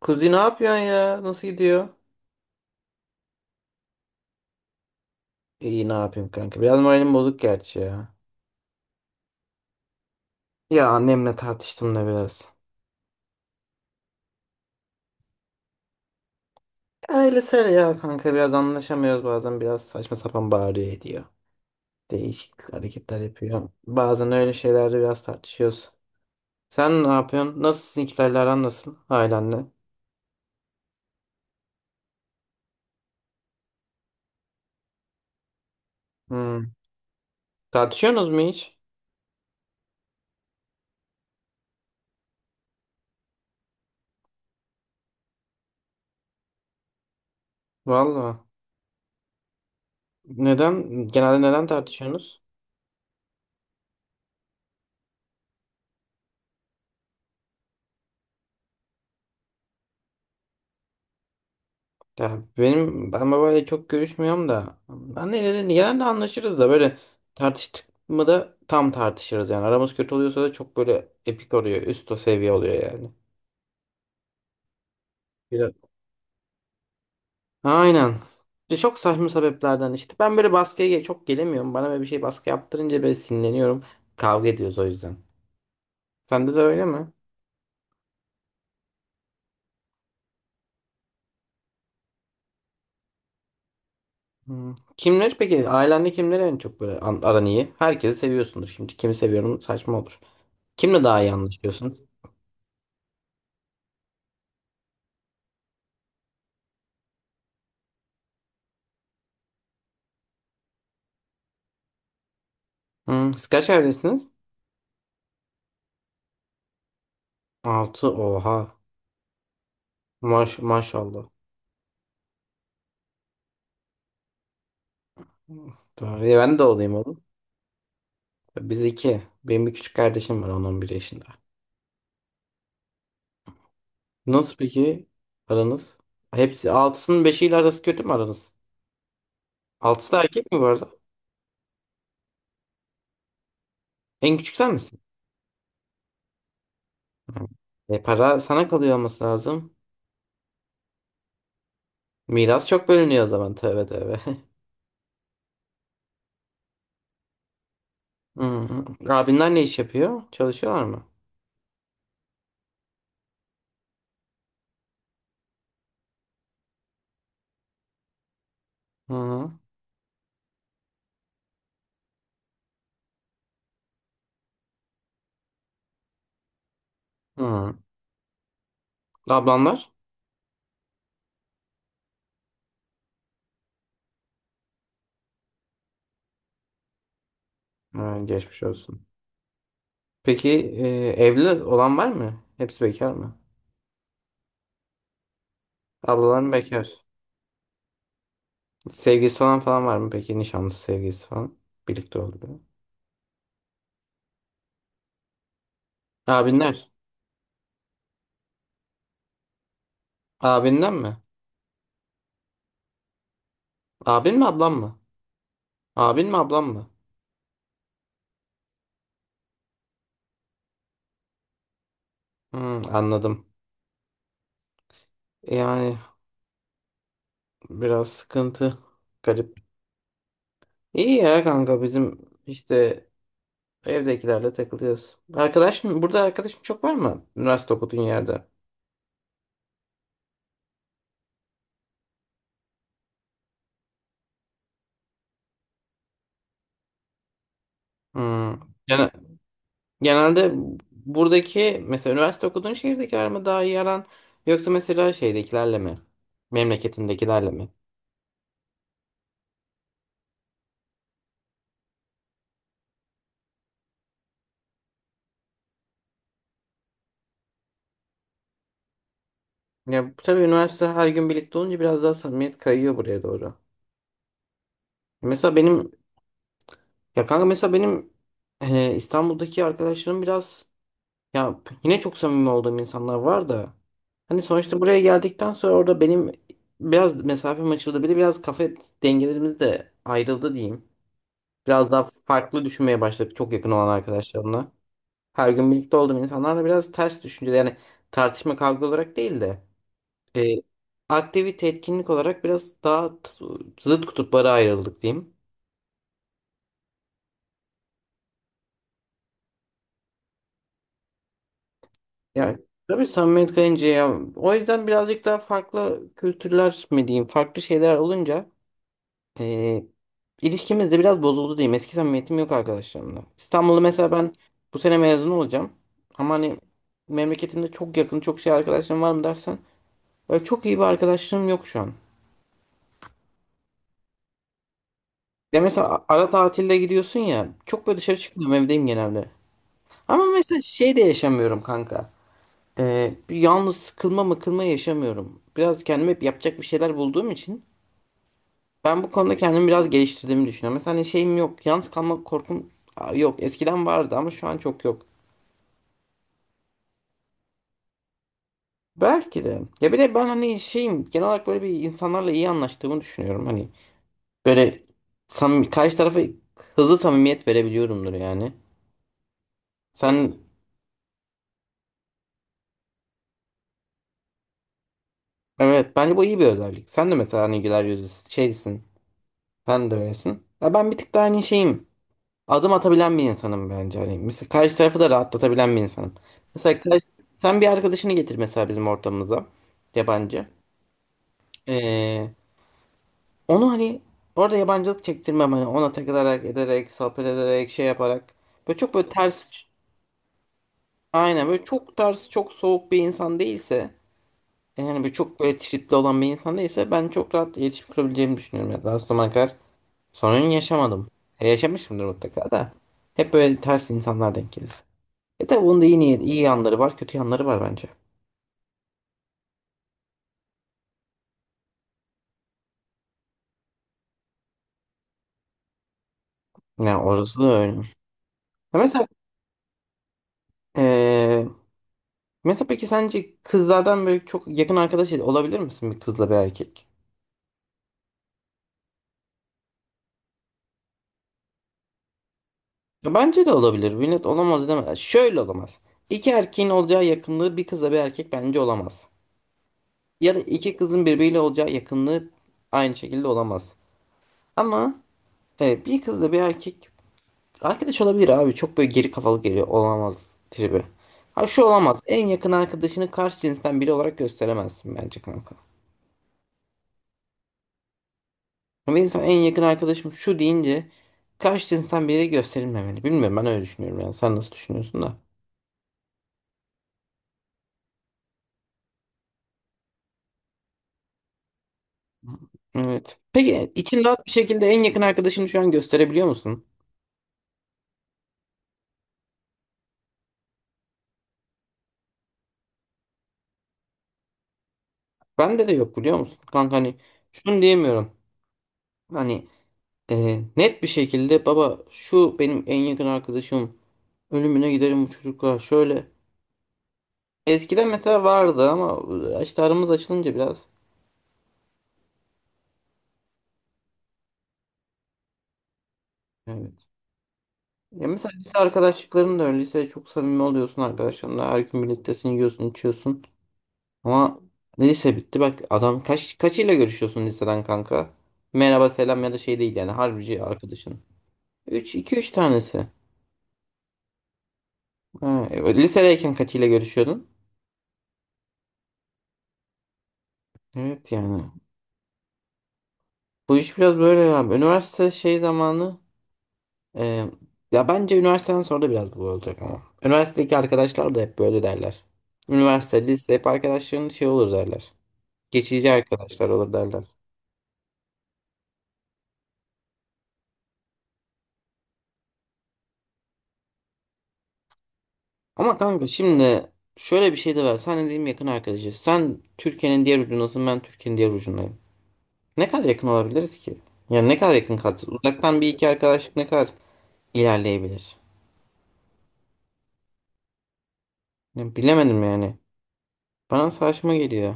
Kuzi ne yapıyorsun ya? Nasıl gidiyor? İyi ne yapayım kanka. Biraz moralim bozuk gerçi ya. Ya annemle tartıştım da biraz. Ailesel ya kanka, biraz anlaşamıyoruz, bazen biraz saçma sapan bağırıyor ediyor. Değişik hareketler yapıyor. Bazen öyle şeylerde biraz tartışıyoruz. Sen ne yapıyorsun? Nasıl, sizinkilerle aran nasıl? Ailenle. Hmm. Tartışıyorsunuz mu hiç? Valla. Neden? Genelde neden tartışıyorsunuz? Ya ben babayla çok görüşmüyorum da, anneyle genelde anlaşırız da, böyle tartıştık mı da tam tartışırız yani, aramız kötü oluyorsa da çok böyle epik oluyor, üst o seviye oluyor yani. Biraz. Aynen. İşte çok saçma sebeplerden, işte ben böyle baskıya çok gelemiyorum, bana böyle bir şey baskı yaptırınca böyle sinirleniyorum, kavga ediyoruz o yüzden. Sende de öyle mi? Hmm. Kimleri peki ailende, kimleri en çok böyle aran iyi? Herkesi seviyorsundur şimdi, kimi seviyorum saçma olur. Kimle daha iyi anlaşıyorsun? Hmm. Siz kaç evlisiniz? Altı, oha. Maşallah. Tamam. Ben de olayım oğlum. Biz iki. Benim bir küçük kardeşim var, 10 bir yaşında. Nasıl peki aranız? Hepsi, altısının beşiyle arası kötü mü aranız? Altısı da erkek mi bu arada? En küçük sen misin? Hı. E, para sana kalıyor olması lazım. Miras çok bölünüyor o zaman. Tövbe tövbe. Hı hı. Abinler ne iş yapıyor? Çalışıyorlar mı? Hı hı. Hı. Ablanlar? Ha, geçmiş olsun. Peki e, evli olan var mı? Hepsi bekar mı? Ablalarım bekar. Sevgilisi falan falan var mı peki? Nişanlısı, sevgilisi falan. Birlikte oldu. Abinler. Abinden mi? Abin mi, ablam mı? Abin mi, ablam mı? Hmm, anladım. Yani biraz sıkıntı. Garip. İyi ya kanka, bizim işte evdekilerle takılıyoruz. Arkadaş mı? Burada arkadaşın çok var mı? Üniversite okuduğun yerde. Hmm. Yani, genelde buradaki mesela üniversite okuduğun şehirdekiler mi daha iyi aran, yoksa mesela şeydekilerle mi? Memleketindekilerle mi? Ya tabii üniversite, her gün birlikte olunca biraz daha samimiyet kayıyor buraya doğru. Mesela benim, ya kanka mesela benim, İstanbul'daki arkadaşlarım biraz, ya yine çok samimi olduğum insanlar var da hani sonuçta buraya geldikten sonra orada benim biraz mesafem açıldı. Bir de biraz kafa dengelerimiz de ayrıldı diyeyim. Biraz daha farklı düşünmeye başladık çok yakın olan arkadaşlarımla. Her gün birlikte olduğum insanlarla biraz ters düşünce, yani tartışma, kavga olarak değil de e, aktivite, etkinlik olarak biraz daha zıt kutuplara ayrıldık diyeyim. Yani tabii samimiyet kayınca ya, o yüzden birazcık daha farklı kültürler mi diyeyim, farklı şeyler olunca e, ilişkimiz de biraz bozuldu diyeyim. Eski samimiyetim yok arkadaşlarımla. İstanbul'da mesela ben bu sene mezun olacağım ama hani memleketimde çok yakın çok şey arkadaşlarım var mı dersen, böyle çok iyi bir arkadaşlığım yok şu an. Ya mesela ara tatilde gidiyorsun ya. Çok böyle dışarı çıkmıyorum, evdeyim genelde. Ama mesela şey de yaşamıyorum kanka. Bir yalnız sıkılma mıkılma yaşamıyorum. Biraz kendime hep yapacak bir şeyler bulduğum için ben bu konuda kendimi biraz geliştirdiğimi düşünüyorum. Mesela hani şeyim yok. Yalnız kalma korkum yok. Eskiden vardı ama şu an çok yok. Belki de. Ya bir de ben hani şeyim, genel olarak böyle bir insanlarla iyi anlaştığımı düşünüyorum. Hani böyle samimi, karşı tarafa hızlı samimiyet verebiliyorumdur yani. Sen Evet, bence bu iyi bir özellik. Sen de mesela Nilgüler Yüzüsü şeysin. Sen de öylesin. Ya ben bir tık daha hani şeyim. Adım atabilen bir insanım bence. Hani mesela karşı tarafı da rahatlatabilen bir insanım. Mesela sen bir arkadaşını getir mesela bizim ortamımıza. Yabancı. Ee, onu hani orada yabancılık çektirmem. Hani ona takılarak, ederek, sohbet ederek, şey yaparak. Böyle çok böyle ters. Aynen, böyle çok ters, çok soğuk bir insan değilse. Yani böyle çok böyle tripli olan bir insan değilse, ben çok rahat iletişim kurabileceğimi düşünüyorum. Ya daha sonra. Sorun yaşamadım. Yaşamışımdır mutlaka da. Hep böyle ters insanlar denk gelir. E de bunun da iyi niyet, iyi yanları var, kötü yanları var bence. Yani orası da öyle. Ya mesela, e, mesela peki, sence kızlardan böyle çok yakın arkadaş olabilir misin, bir kızla bir erkek? Ya bence de olabilir. Millet olamaz deme. Şöyle olamaz. İki erkeğin olacağı yakınlığı bir kızla bir erkek bence olamaz. Ya da iki kızın birbiriyle olacağı yakınlığı aynı şekilde olamaz. Ama bir kızla bir erkek arkadaş olabilir abi. Çok böyle geri kafalı geliyor olamaz tribi. Ha, şu olamaz: en yakın arkadaşını karşı cinsten biri olarak gösteremezsin bence kanka. Ama insan en yakın arkadaşım şu deyince, karşı cinsten biri gösterilmemeli. Bilmiyorum, ben öyle düşünüyorum yani. Sen nasıl düşünüyorsun da? Evet. Peki için rahat bir şekilde en yakın arkadaşını şu an gösterebiliyor musun? Bende de yok, biliyor musun? Kanka hani şunu diyemiyorum. Hani e, net bir şekilde baba şu benim en yakın arkadaşım, ölümüne giderim bu çocuklar. Şöyle. Eskiden mesela vardı ama işte aramız açılınca biraz. Evet. Ya mesela lise arkadaşlıkların da öyle. Lisede çok samimi oluyorsun arkadaşlarınla. Her gün birliktesin, yiyorsun, içiyorsun. Ama lise bitti. Bak adam kaçıyla görüşüyorsun liseden kanka? Merhaba, selam ya da şey değil yani. Harbici arkadaşın. 3 2 3 tanesi. Ha, lisedeyken kaçıyla görüşüyordun? Evet yani. Bu iş biraz böyle ya. Üniversite şey zamanı. Ee, ya bence üniversiteden sonra da biraz bu olacak ama. Üniversitedeki arkadaşlar da hep böyle derler. Üniversite, lise hep arkadaşların şey olur derler. Geçici arkadaşlar olur derler. Ama kanka şimdi şöyle bir şey de var. Sen dediğim yakın arkadaşız. Sen Türkiye'nin diğer ucundasın, ben Türkiye'nin diğer ucundayım. Ne kadar yakın olabiliriz ki? Yani ne kadar yakın kalacağız? Uzaktan bir iki arkadaşlık ne kadar ilerleyebilir? Ya bilemedim yani. Bana saçma geliyor.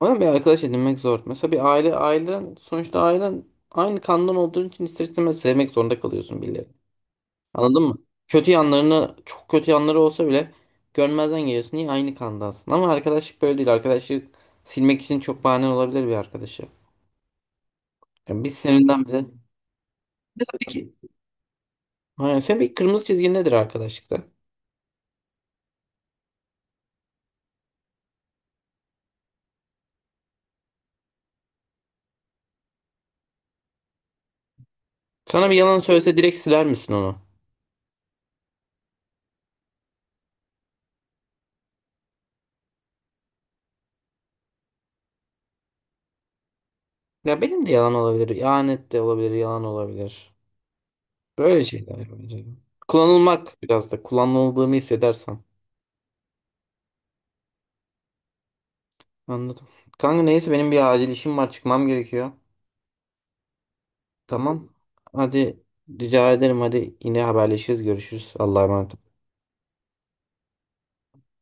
Ama bir arkadaş edinmek zor. Mesela bir ailen, sonuçta ailen aynı kandan olduğun için ister istemez sevmek zorunda kalıyorsun birilerini. Anladın mı? Kötü yanlarını, çok kötü yanları olsa bile görmezden geliyorsun. Niye aynı kandansın? Ama arkadaşlık böyle değil. Arkadaşlık silmek için çok bahane olabilir, bir arkadaşı. Yani biz seninle bile. Mesela peki. Aynen. Senin bir kırmızı çizgin nedir arkadaşlıkta? Sana bir yalan söylese direkt siler misin onu? Ya benim de yalan olabilir. İhanet de olabilir. Yalan olabilir. Böyle şeyler bence. Kullanılmak, biraz da kullanıldığımı hissedersem. Anladım. Kanka neyse, benim bir acil işim var, çıkmam gerekiyor. Tamam. Hadi rica ederim, hadi yine haberleşiriz, görüşürüz. Allah'a emanet ol.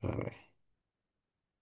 Bay bay.